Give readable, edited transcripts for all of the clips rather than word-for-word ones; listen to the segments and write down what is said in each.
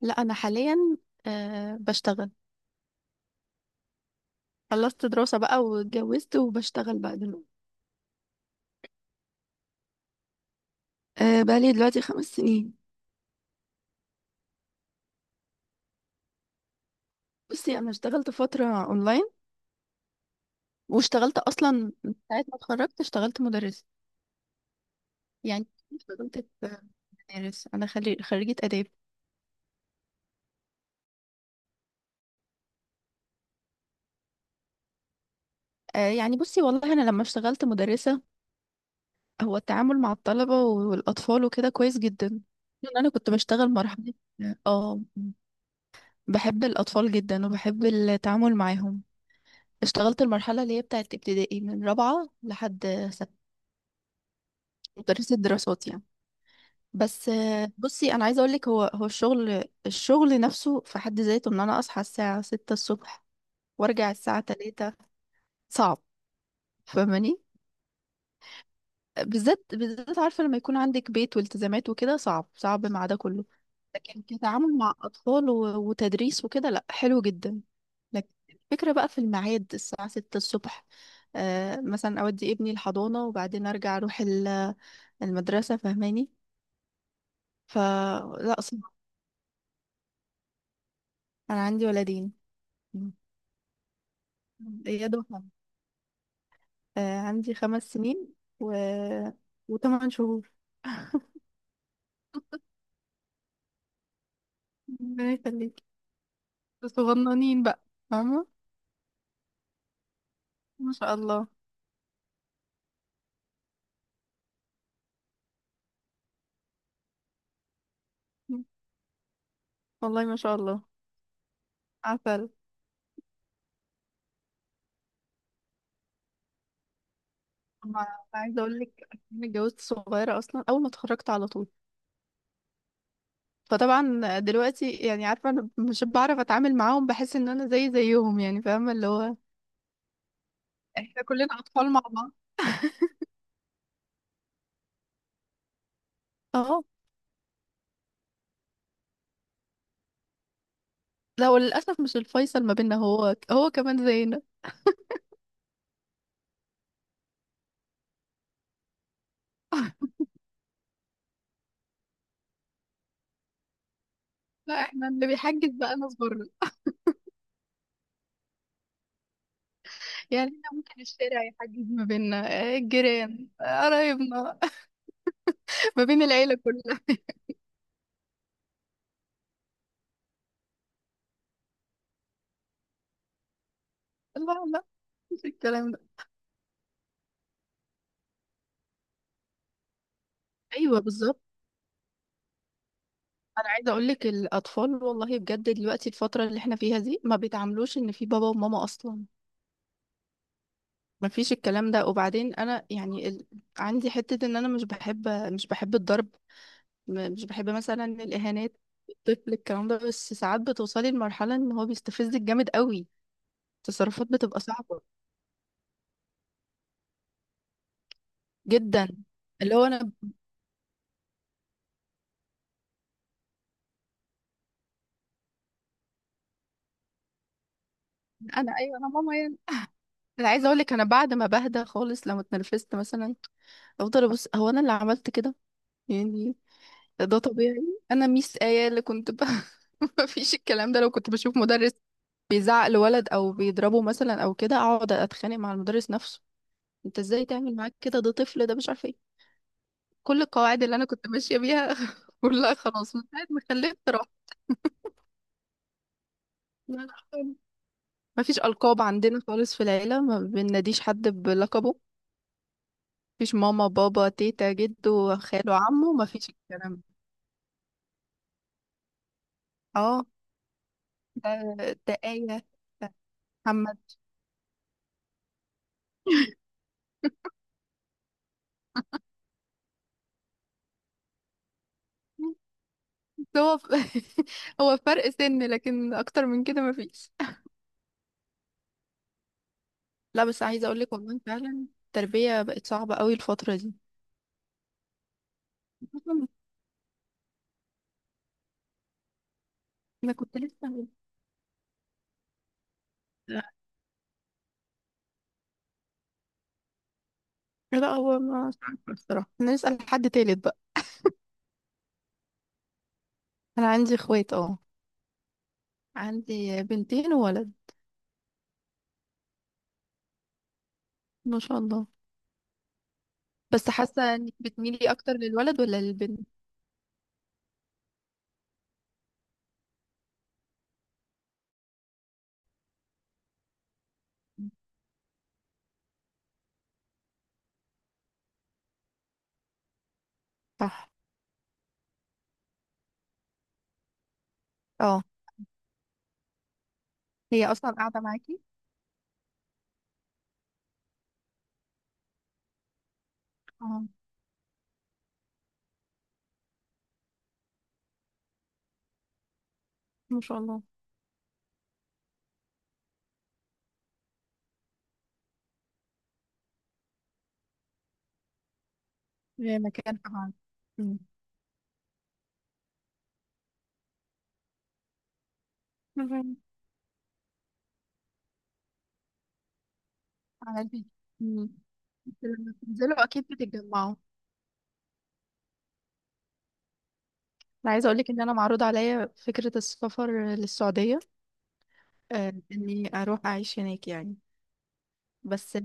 لا، انا حاليا بشتغل. خلصت دراسة بقى واتجوزت وبشتغل بقى دلوقتي. أه، بقالي دلوقتي 5 سنين. بصي انا اشتغلت فترة اونلاين واشتغلت اصلا من ساعة ما اتخرجت اشتغلت مدرسة. يعني اشتغلت في مدارس، انا خريجة اداب. أه، يعني بصي والله انا لما اشتغلت مدرسة، هو التعامل مع الطلبة والاطفال وكده كويس جدا. لأن انا كنت بشتغل مرحلة، اه بحب الاطفال جدا وبحب التعامل معاهم. اشتغلت المرحلة اللي هي بتاعت ابتدائي من رابعة لحد ستة، مدرسة دراسات يعني. بس بصي أنا عايزة أقولك، هو الشغل نفسه في حد ذاته إن أنا أصحى الساعة ستة الصبح وأرجع الساعة تلاتة، صعب. فاهماني؟ بالذات بالذات عارفة لما يكون عندك بيت والتزامات وكده، صعب صعب مع ده كله. لكن كتعامل مع أطفال وتدريس وكده لأ، حلو جدا. لكن الفكرة بقى في الميعاد، الساعة ستة الصبح. آه مثلا أودي ابني الحضانة وبعدين أرجع أروح المدرسة. فاهماني؟ فلا، صعب. أنا عندي ولدين. مم. إياد وحمد، آه عندي 5 سنين و... و8 شهور. ربنا يخليك. صغننين بقى. فاهمة؟ ما شاء الله. والله ما شاء الله، عسل. ما- عايزة أقول لك، أنا اتجوزت صغيرة أصلا، أول ما اتخرجت على طول. فطبعا دلوقتي يعني عارفة، أنا مش بعرف أتعامل معاهم، بحس إن أنا زيهم، يعني فاهمة اللي هو احنا كلنا أطفال مع بعض. اه، لا هو للأسف مش الفيصل ما بيننا، هو كمان زينا. لا، احنا اللي بيحجز بقى ناس بره. يعني احنا ممكن الشارع يحجز ما بيننا، الجيران، قرايبنا. ما بين العيلة كلها. لا لا، مش الكلام ده. ايوه بالظبط. انا عايزه اقول لك الاطفال والله بجد دلوقتي، الفتره اللي احنا فيها دي ما بيتعاملوش ان في بابا وماما اصلا. ما فيش الكلام ده. وبعدين انا يعني عندي حته ان انا مش بحب، مش بحب الضرب، مش بحب مثلا الإهانات، الطفل الكلام ده. بس ساعات بتوصلي لمرحلة إن هو بيستفزك جامد قوي، تصرفات بتبقى صعبة جدا. اللي هو أنا أيوه، أنا ماما يعني. أنا عايزة أقولك أنا بعد ما بهدى خالص لما اتنرفزت مثلا، أفضل أبص هو أنا اللي عملت كده يعني. ده طبيعي. أنا ميس آية اللي كنت مفيش الكلام ده. لو كنت بشوف مدرس بيزعق لولد او بيضربه مثلا او كده، اقعد اتخانق مع المدرس نفسه. انت ازاي تعمل معاك كده؟ ده طفل، ده مش عارفه ايه. كل القواعد اللي انا كنت ماشيه بيها كلها خلاص من ساعه ما خلفت راحت. لا لا، ما فيش القاب عندنا خالص في العيله، ما بناديش حد بلقبه. ما فيش ماما بابا تيتا جدو خاله عمه، ما فيش الكلام ده. اه، ده ده آية، ده محمد. بس هو فرق سن، لكن اكتر من كده ما فيش. لا بس عايزه اقول لك والله فعلا التربيه بقت صعبه قوي الفتره دي. انا كنت لسه. لا، هو ما مش عارفة الصراحه، نسال حد تالت. انا عندي اخوات، اه عندي بنتين وولد. ما شاء الله. بس حاسه انك بتميلي اكتر للولد ولا للبنت؟ صح. اه، هي اصلا قاعده معاكي. اه، ما شاء الله. هي مكان قاعد. مم. مهم. على البيت. مم. بس لما بتنزلوا اكيد بتتجمعوا. انا عايزه اقولك ان انا معروض عليا فكره السفر للسعوديه، اني اروح اعيش هناك يعني. بس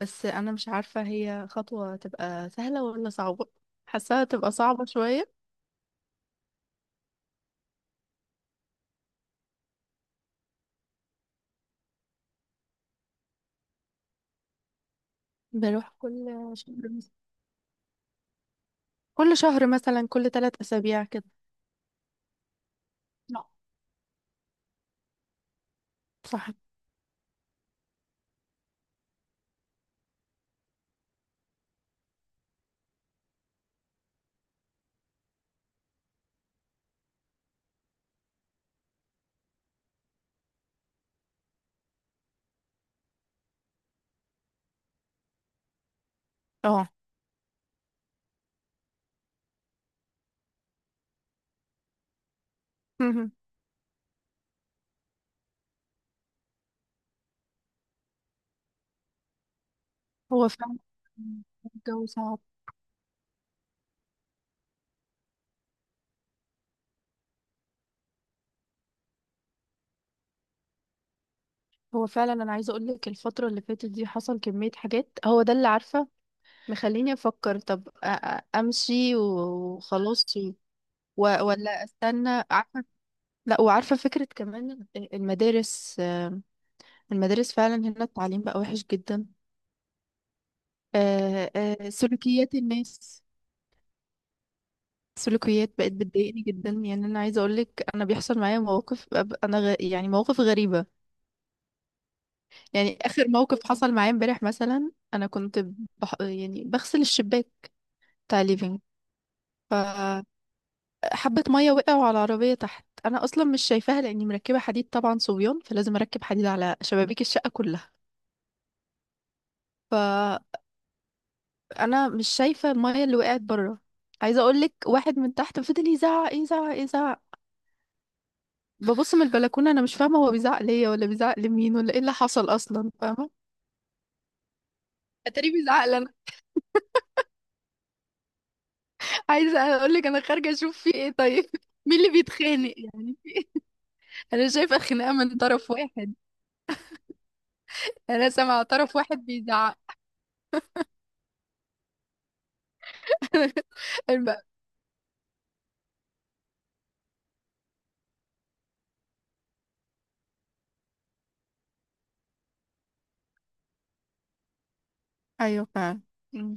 بس انا مش عارفه هي خطوه تبقى سهله ولا صعبه، حاساها تبقى صعبه شويه. بروح كل شهر مثلا، كل شهر مثلا، كل 3 أسابيع كده. لا. صح. اه. مهم. هو فعلا الجو صعب. هو فعلا انا عايزه اقول لك الفتره اللي فاتت دي حصل كميه حاجات، هو ده اللي عارفه مخليني افكر، طب امشي وخلاص ولا استنى، عارفه. لا، وعارفه فكره كمان، المدارس آم، المدارس فعلا هنا التعليم بقى وحش جدا. سلوكيات الناس، سلوكيات بقت بتضايقني جدا. يعني انا عايزه اقول لك انا بيحصل معايا مواقف، يعني مواقف غريبه. يعني اخر موقف حصل معايا امبارح مثلا، انا كنت يعني بغسل الشباك بتاع ليفينج، فحبه ميه وقعوا على العربيه تحت. انا اصلا مش شايفاها لاني مركبه حديد طبعا، صبيان فلازم اركب حديد على شبابيك الشقه كلها. فانا مش شايفه الميه اللي وقعت بره. عايزه اقول لك واحد من تحت فضل يزعق، يزعق، يزعق. ببص من البلكونة، أنا مش فاهمة هو بيزعق ليا ولا بيزعق لمين ولا إيه اللي حصل أصلا، فاهمة؟ أتاري بيزعق لي أنا. عايزة أقولك أنا خارجة أشوف في إيه، طيب. مين اللي بيتخانق يعني؟ أنا شايفة خناقة من طرف واحد، أنا سامعة طرف واحد بيزعق. الب- ايوه فعلا. مم.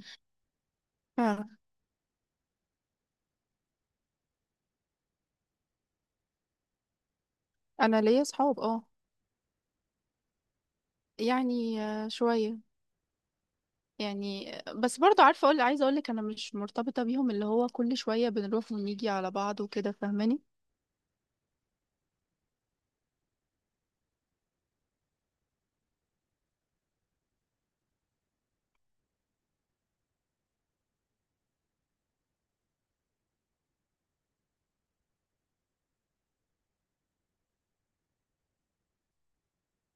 فعلا انا ليا صحاب، اه يعني شويه. يعني آه، بس برضو عارفه اقول عايزه اقول لك انا مش مرتبطه بيهم اللي هو كل شويه بنروح ونيجي على بعض وكده، فاهماني؟